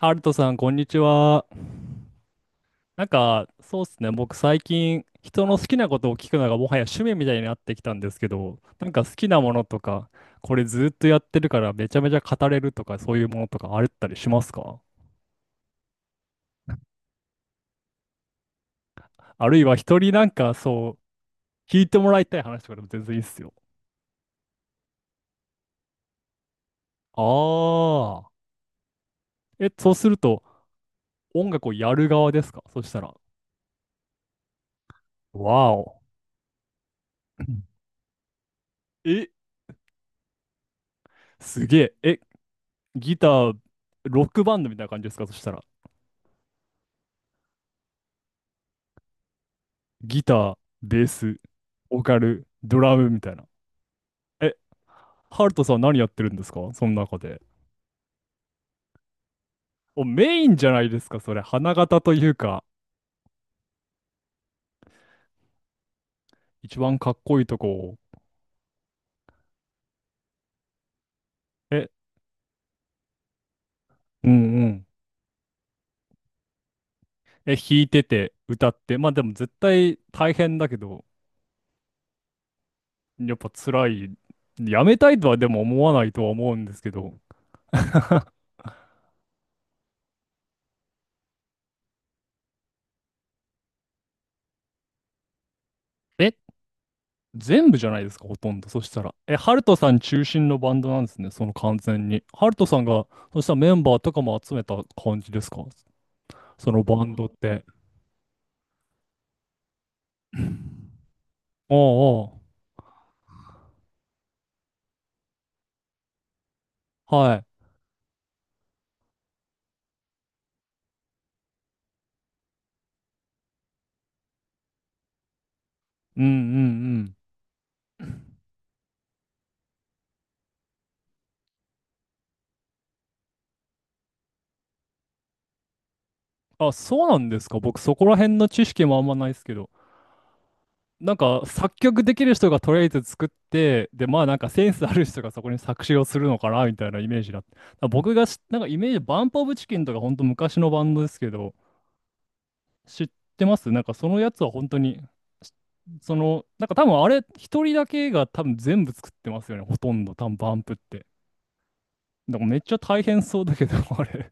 ハルトさん、こんにちは。なんか、そうっすね。僕、最近、人の好きなことを聞くのがもはや趣味みたいになってきたんですけど、なんか好きなものとか、これずっとやってるからめちゃめちゃ語れるとか、そういうものとかあったりしますか？あるいは人になんかそう、聞いてもらいたい話とかでも全然いいっすよ。あー。え、そうすると、音楽をやる側ですかそしたら。わお。え、すげえ。え、ギター、ロックバンドみたいな感じですかそしたら。ギター、ベース、ボーカル、ドラムみたいな。え、ハルトさん何やってるんですかその中で。お、メインじゃないですか、それ。花形というか、一番かっこいいとこを。え、うんうん。え、弾いてて、歌って。まあでも絶対大変だけど、やっぱ辛い。やめたいとはでも思わないとは思うんですけど。え、全部じゃないですか、ほとんど。そしたら。え、ハルトさん中心のバンドなんですね、その完全に。ハルトさんが、そしたらメンバーとかも集めた感じですかそのバンドって。おうおう、はい。うんうんうん。あ、そうなんですか。僕、そこら辺の知識もあんまないですけど。なんか、作曲できる人がとりあえず作って、で、まあ、なんかセンスある人がそこに作詞をするのかな、みたいなイメージだった。だから僕が、なんかイメージ、バンプオブチキンとか、ほんと昔のバンドですけど、知ってますなんかそのやつは本当に、しその、なんか多分あれ、一人だけが多分全部作ってますよね。ほとんど、多分バンプって。だからめっちゃ大変そうだけど、あれ。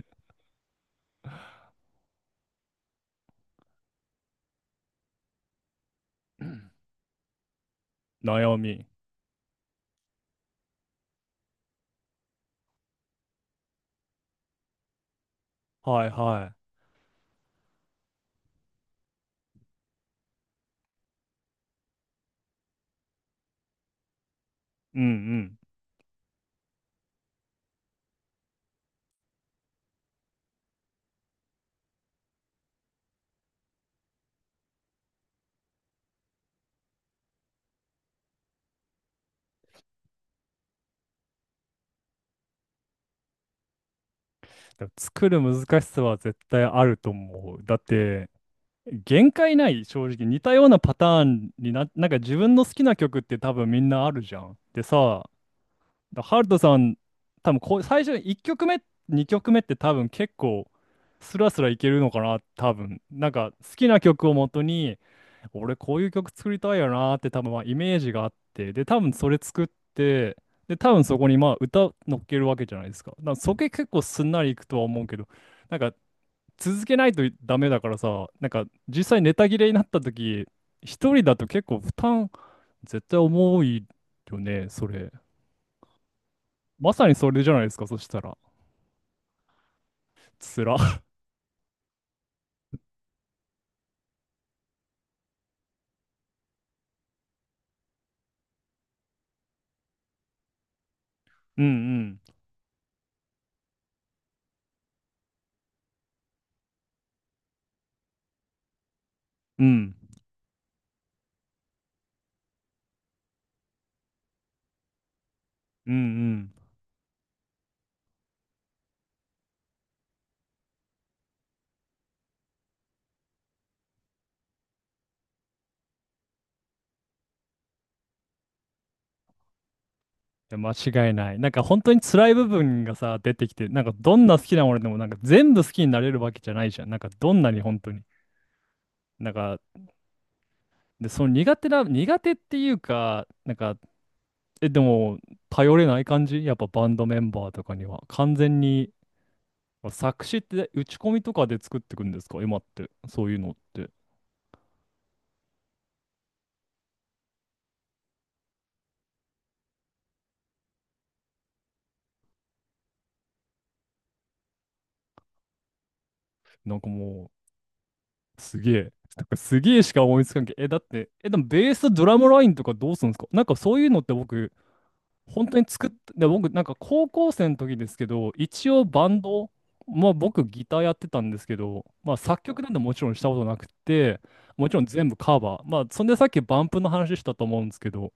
悩み。はいはい。うんうん。だから作る難しさは絶対あると思う。だって、限界ない、正直。似たようなパターンに、なんか自分の好きな曲って多分みんなあるじゃん。でさ、だハルトさん、多分こう最初1曲目、2曲目って多分結構スラスラいけるのかな、多分。なんか好きな曲をもとに、俺こういう曲作りたいよなーって多分まあイメージがあって、で、多分それ作って、で、多分そこにまあ歌乗っけるわけじゃないですか。だからそこ結構すんなりいくとは思うけど、なんか続けないとダメだからさ、なんか実際ネタ切れになった時、一人だと結構負担絶対重いよね、それ。まさにそれじゃないですか、そしたら。つら。うんうん。うん。うんうん。いや、間違いない。なんか本当に辛い部分がさ、出てきて、なんかどんな好きなものでもなんか全部好きになれるわけじゃないじゃん。なんかどんなに本当に。なんか、で、その苦手な、苦手っていうか、なんか、え、でも、頼れない感じやっぱバンドメンバーとかには。完全にまあ作詞って打ち込みとかで作ってくんですか今って。そういうのって。なんかもう、すげえ。なんかすげえしか思いつかんけど。え、だって、え、でもベースとドラムラインとかどうするんですかなんかそういうのって僕、本当に作ってで、僕、なんか高校生の時ですけど、一応バンド、まあ僕ギターやってたんですけど、まあ作曲なんてもちろんしたことなくて、もちろん全部カバー。まあそんでさっきバンプの話したと思うんですけど、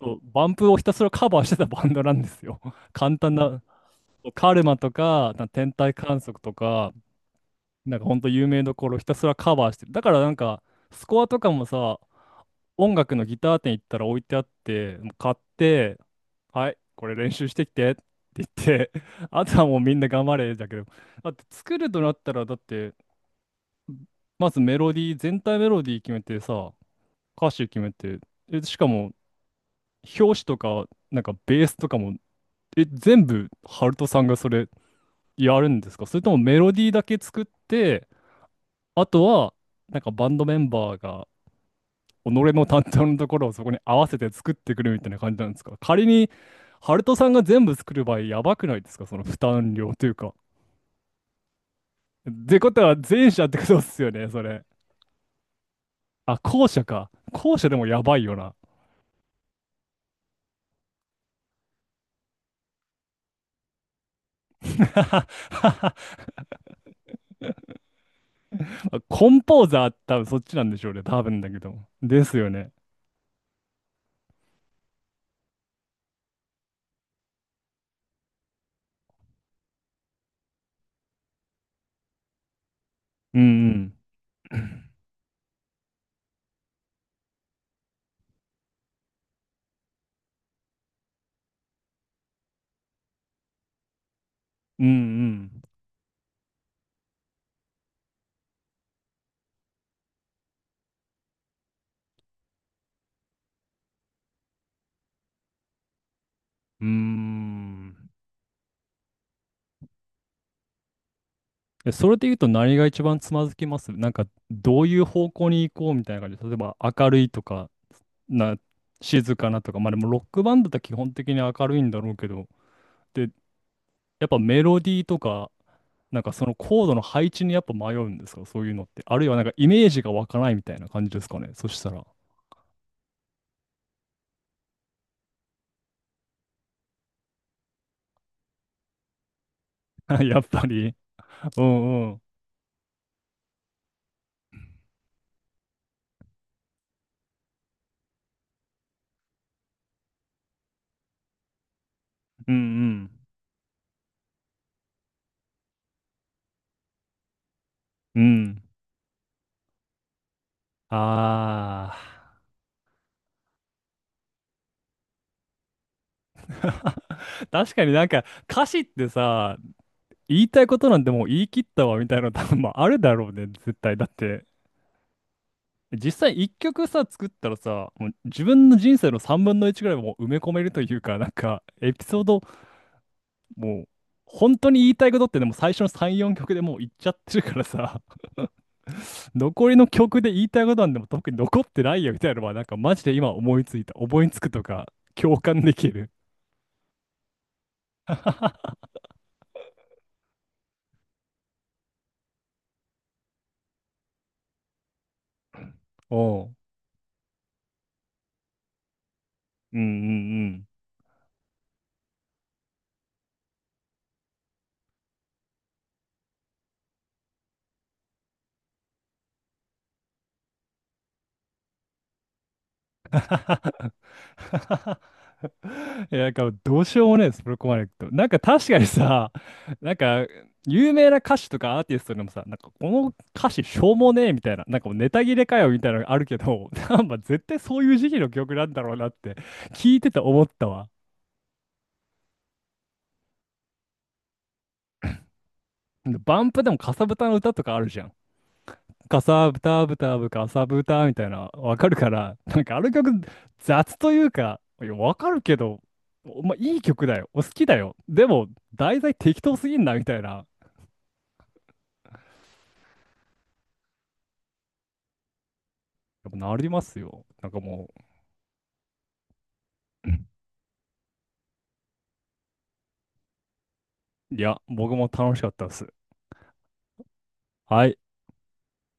そう、バンプをひたすらカバーしてたバンドなんですよ。簡単な、カルマとか、天体観測とか、なんかほんと有名どころをひたすらカバーしてる。だからなんか、スコアとかもさ、音楽のギター店行ったら置いてあって、もう買って、はい、これ練習してきてって言って、あとはもうみんな頑張れだけど、だって作るとなったら、だって、まずメロディー、全体メロディー決めてさ、歌詞決めて、え、しかも、表紙とか、なんかベースとかも、え、全部、ハルトさんがそれやるんですかそれともメロディーだけ作って、あとは、なんかバンドメンバーが己の担当のところをそこに合わせて作ってくるみたいな感じなんですか仮に、ハルトさんが全部作る場合、やばくないですかその負担量というか。ってことは、前者ってことですよね、それ。あ、後者か。後者でもやばいよな。コンポーザー多分そっちなんでしょうね、多分だけど。ですよね。うんうん。うんうん。うーん。えそれで言うと何が一番つまずきますなんか、どういう方向に行こうみたいな感じ。例えば、明るいとか、な、静かなとか、まあでもロックバンドって基本的に明るいんだろうけど、で、やっぱメロディーとか、なんかそのコードの配置にやっぱ迷うんですか、そういうのって。あるいはなんかイメージが湧かないみたいな感じですかね、そしたら。やっぱり。うんうん。うんうん。うん。ああ。確かになんか歌詞ってさ、言いたいことなんてもう言い切ったわみたいなの多分まああるだろうね、絶対。だって実際一曲さ、作ったらさ、もう自分の人生の3分の1ぐらいもう埋め込めるというか、なんか、エピソード、もう、本当に言いたいことってでも最初の3、4曲でもう言っちゃってるからさ、残りの曲で言いたいことなんでも特に残ってないよみたいなのは、なんかマジで今思いついた。思いつくとか、共感できる。おう。うんうんうん。いや、なんかどうしようもないです、プロコマネクト。なんか確かにさ、なんか有名な歌手とかアーティストでもさ、なんかこの歌詞しょうもねえみたいな、なんかもうネタ切れかよみたいなのがあるけど、なんか絶対そういう時期の曲なんだろうなって聞いてて思ったわ。バンプでもかさぶたの歌とかあるじゃん。かさぶたぶたぶかさぶたみたいな、わかるから、なんかあの曲雑というか、いや、わかるけど、おまあ、いい曲だよ。お好きだよ。でも、題材適当すぎんな、みたいな。やっぱなりますよ。なんかもう、いや、僕も楽しかったです。はい。